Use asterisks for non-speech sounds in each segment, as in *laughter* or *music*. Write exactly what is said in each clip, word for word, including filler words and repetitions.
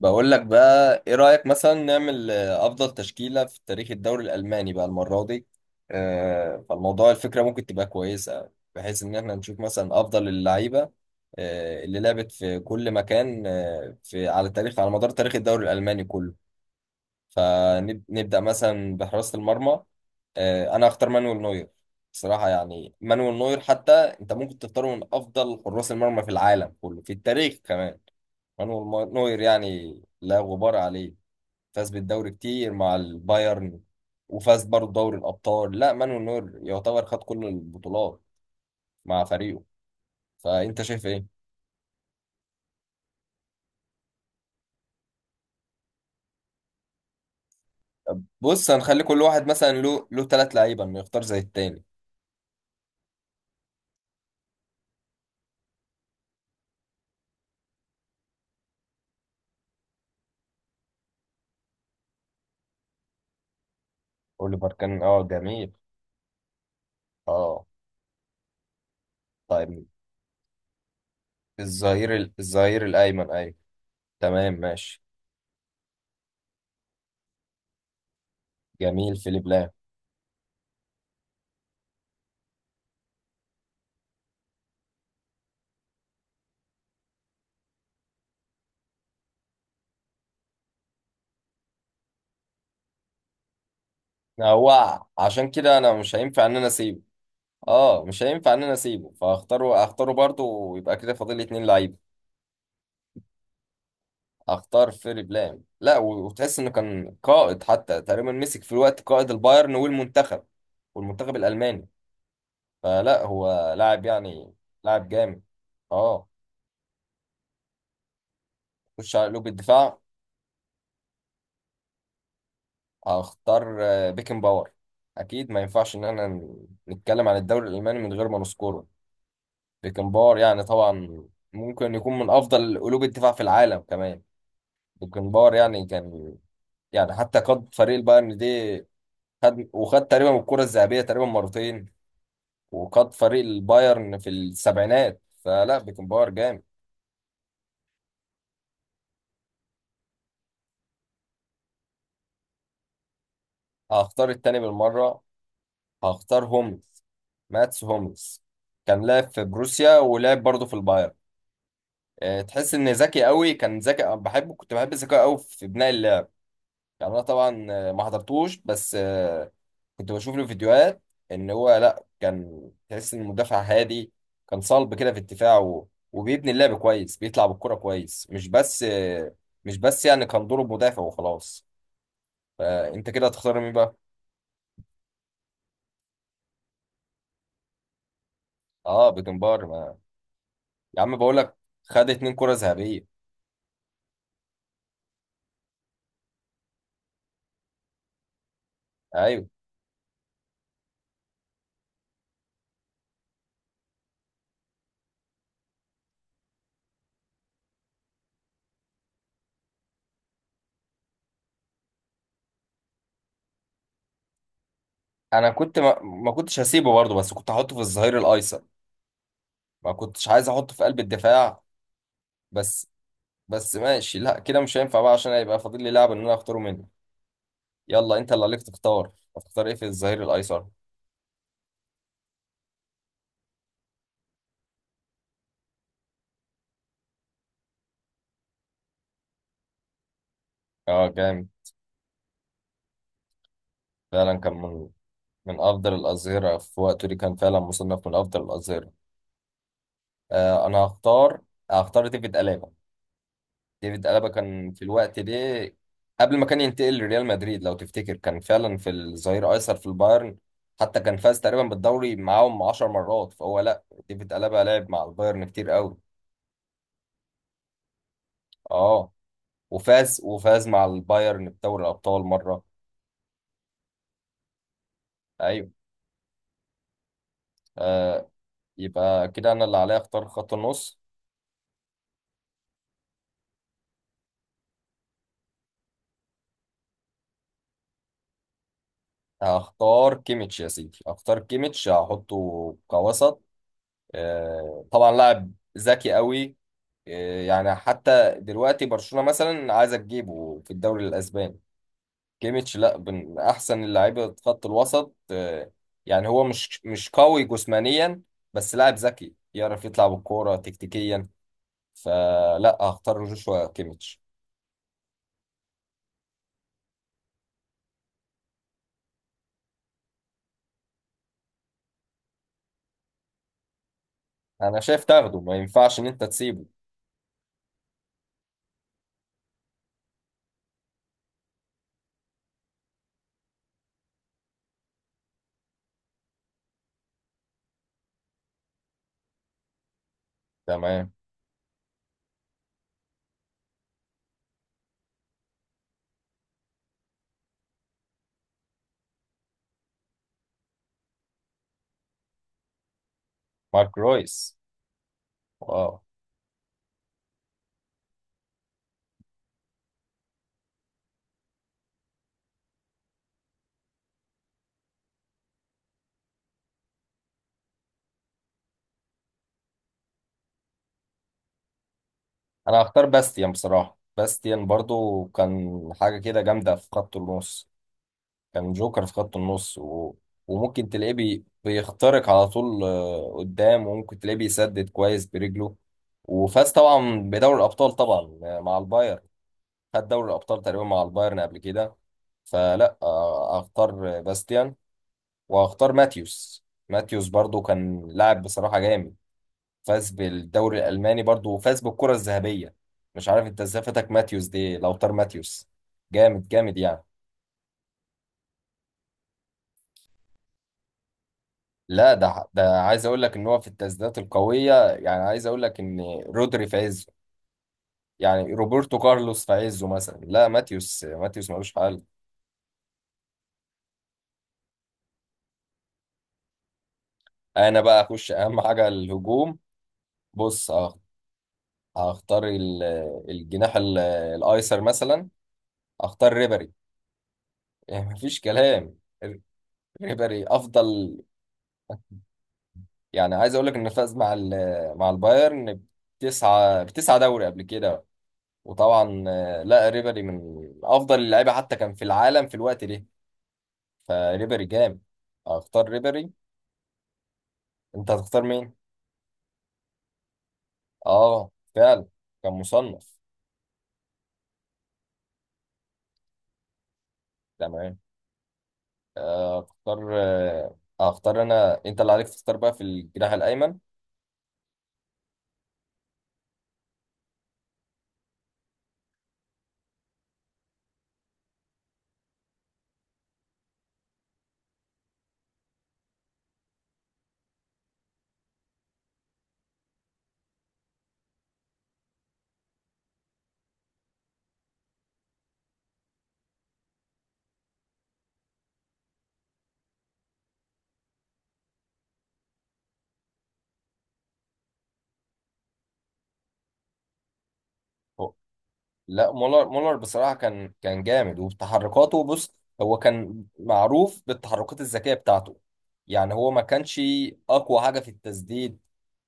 بقول لك بقى ايه رأيك مثلا نعمل آه، افضل تشكيلة في تاريخ الدوري الالماني بقى المرة دي. آه، فالموضوع الفكرة ممكن تبقى كويسة بحيث ان احنا نشوف مثلا افضل اللعيبة آه، اللي لعبت في كل مكان آه، في على تاريخ على مدار تاريخ الدوري الالماني كله. فنبدأ مثلا بحراسة المرمى. آه، انا اختار مانويل نوير. بصراحة يعني مانويل نوير حتى انت ممكن تختاره من افضل حراس المرمى في العالم كله في التاريخ كمان. مانويل ما- نوير يعني لا غبار عليه. فاز بالدوري كتير مع البايرن، وفاز برضه دوري الأبطال. لا، مانويل نوير يعتبر خد كل البطولات مع فريقه. فأنت شايف إيه؟ بص، هنخلي كل واحد مثلا له له ثلاث لعيبة إنه يختار زي التاني. أوليفر كان أه جميل. أه. طيب، الظهير ال- الظهير الأيمن، أيوه. تمام، ماشي. جميل، فيليب لام. هو عشان كده أنا مش هينفع إن أنا أسيبه. أه مش هينفع إن أنا أسيبه، فهختاره. هختاره برضه، ويبقى كده فاضل لي اتنين لعيبة. اختار فيري بلام. لا و- وتحس انه كان قائد حتى. تقريبا مسك في الوقت قائد البايرن والمنتخب والمنتخب الالماني. فلا هو لاعب يعني، لاعب جامد. اه. خش على قلوب الدفاع. هختار آه، بيكن باور. اكيد ما ينفعش ان احنا ن- نتكلم عن الدوري الالماني من غير ما نذكره. بيكن باور يعني طبعا ممكن يكون من افضل قلوب الدفاع في العالم كمان. بيكن باور يعني كان، يعني حتى قاد فريق البايرن دي. خد وخد تقريبا الكرة الذهبية تقريبا مرتين، وقاد فريق البايرن في السبعينات. فلا بيكنباور جامد. هختار التاني بالمرة. هختار هوملز، ماتس هوملز. كان لاعب في بروسيا ولعب برضه في البايرن. آه، تحس ان ذكي قوي. كان ذكي، أنا بحبه، كنت بحب ذكاءه قوي في بناء اللعب. يعني انا طبعا آه، ما حضرتوش، بس آه، كنت بشوف له فيديوهات. ان هو لا كان تحس ان مدافع هادي، كان صلب كده في الدفاع و... وبيبني اللعب كويس، بيطلع بالكرة كويس. مش بس آه، مش بس يعني كان دوره مدافع وخلاص. فانت كده هتختار مين بقى؟ اه. بيكنبار ما... يا عم بقول لك، خد اتنين كرة ذهبية. ايوه. انا كنت ما, ما كنتش هسيبه برضه، بس كنت هحطه في الظهير الايسر. ما كنتش عايز احطه في قلب الدفاع. بس بس ماشي. لا، كده مش هينفع بقى، عشان هيبقى فاضل لي لاعب ان انا اختاره منه. يلا انت اللي عليك تختار. هتختار ايه في الظهير الايسر؟ اه، جامد. فعلا كان من من افضل الاظهرة في وقته دي. كان فعلا مصنف من افضل الاظهرة. آه انا هختار. هختار ديفيد ألابا. ديفيد ألابا كان في الوقت ده، قبل ما كان ينتقل لريال مدريد لو تفتكر، كان فعلا في الظهير أيسر في البايرن. حتى كان فاز تقريبا بالدوري معاهم عشر مرات. فهو لا، ديفيد ألابا لعب مع البايرن كتير قوي. اه. وفاز وفاز مع البايرن بدوري الأبطال مرة. ايوه. آه يبقى كده انا اللي عليا اختار خط النص. هختار كيميتش يا سيدي، هختار كيميتش، هحطه كوسط. آه طبعا لاعب ذكي قوي. إيه، يعني حتى دلوقتي برشلونة مثلا عايزة تجيبه في الدوري الأسباني. كيميتش لا من أحسن اللعيبة خط الوسط. آه، يعني هو مش مش قوي جسمانيا، بس لاعب ذكي يعرف يطلع بالكورة تكتيكيا. فلا، هختار جوشوا كيميتش. أنا شايف تاخده، ما ينفعش إن أنت تسيبه. تمام. مارك رويس، واو. أنا هختار باستيان. بصراحة باستيان برضو كان حاجة كده جامدة في خط النص. كان جوكر في خط النص و... وممكن تلاقيه بي... بيخترق على طول، آه، قدام، وممكن تلاقيه بيسدد كويس برجله. وفاز طبعا بدوري الأبطال طبعا، آه، مع البايرن. خد دوري الأبطال تقريبا مع البايرن قبل كده. فلا آه، أختار باستيان. وأختار ماتيوس. ماتيوس برضو كان لاعب بصراحة جامد، فاز بالدوري الألماني برضو وفاز بالكرة الذهبية. مش عارف انت ازاي فاتك ماتيوس دي. لو طار ماتيوس، جامد جامد يعني. لا ده ده عايز اقول لك ان هو في التسديدات القويه. يعني عايز اقول لك ان رودري في عزه، يعني روبرتو كارلوس في عزه مثلا، لا، ماتيوس ماتيوس ملوش حل. انا بقى اخش اهم حاجه، الهجوم. بص هخ- هختار ال- الجناح ال- الايسر مثلا. اختار ريبري، يعني *laughs* مفيش كلام. ر- ريبري افضل. يعني عايز اقول لك انه فاز مع ال- مع البايرن بتسعة بتسعة دوري قبل كده. وطبعا آه، لا، ريبري من افضل اللعيبه حتى كان في العالم في الوقت ده. فريبري جامد، اختار ريبري. انت هتختار مين؟ اه، فعلا، كان مصنف. تمام. آه، اختار آه، اختار انا. انت اللي عليك تختار بقى في الجناح الايمن. هو- لا، مولر. مولر بصراحة كان كان جامد، وتحركاته، بص، هو كان معروف بالتحركات الذكية بتاعته. يعني هو ما كانش اقوى حاجة في التسديد،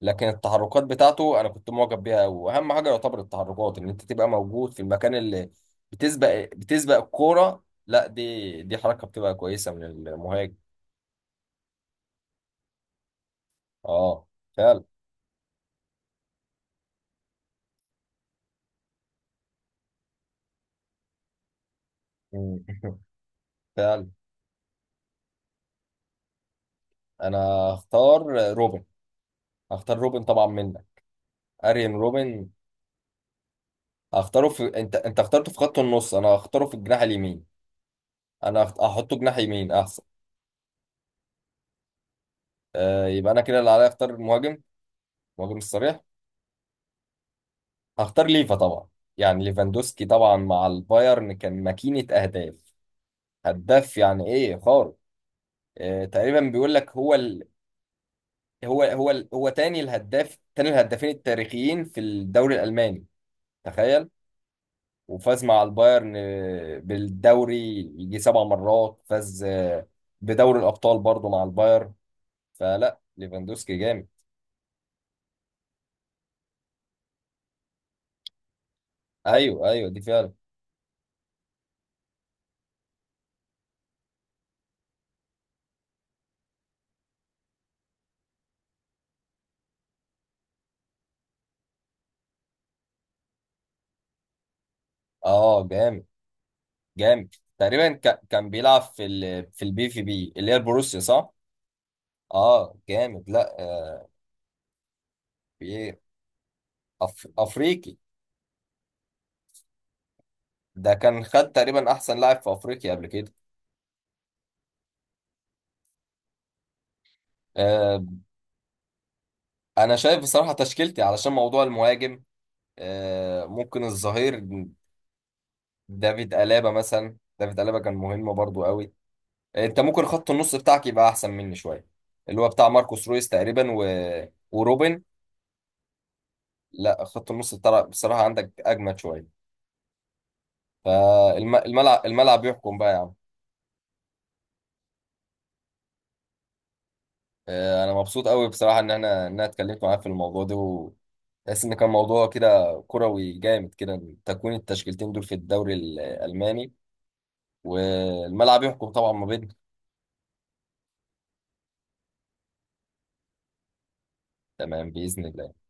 لكن التحركات بتاعته انا كنت معجب بيها قوي. واهم حاجه يعتبر التحركات، ان انت تبقى موجود في المكان اللي بتسبق بتسبق الكوره. لا دي دي حركه بتبقى كويسه من المهاجم. اه، فعلا. مم. *laughs* فعلا. انا هختار روبن. هختار روبن طبعا منك، اريان روبن. هختاره في انت انت اخترته في خط النص، انا هختاره في الجناح اليمين. انا هخت- هحطه جناح يمين احسن. آه يبقى انا كده اللي عليا اختار المهاجم، المهاجم الصريح. هختار ليفا طبعا. يعني ليفاندوسكي طبعا مع البايرن كان ماكينة أهداف، هداف يعني إيه خارق. آه تقريبا بيقول لك هو ال... هو هو ال... هو تاني الهداف تاني الهدافين التاريخيين في الدوري الألماني، تخيل. وفاز مع البايرن آه، بالدوري يجي سبع مرات. فاز آه، بدوري الأبطال برضه مع البايرن. فلا ليفاندوسكي جامد. أيوه، أيوه، دي فعلا. آه جامد. جامد تقريبا. ك... كان بيلعب في ال... في البي في بي، اللي هي البروسيا، صح؟ اه، جامد. لا، آه، في ايه، أف... افريقي. ده كان خد تقريبا احسن لاعب في افريقيا قبل كده. آه انا شايف بصراحة تشكيلتي، علشان موضوع المهاجم، آه ممكن الظهير، دافيد ألابا مثلا، دافيد ألابا كان مهم برضو قوي. آه، انت ممكن خط النص بتاعك يبقى احسن مني شوية، اللي هو بتاع ماركوس رويس تقريبا و... وروبن. لا، خط النص بتاع- بصراحة عندك اجمد شوية. فالملعب الملعب يحكم بقى يا عم. آه، انا مبسوط قوي بصراحه ان احنا ان انا اتكلمت معاك في الموضوع ده، بس ان كان موضوع كده كروي جامد، كده تكوين التشكيلتين دول في الدوري الالماني. والملعب يحكم طبعا ما بينهم. تمام، باذن الله.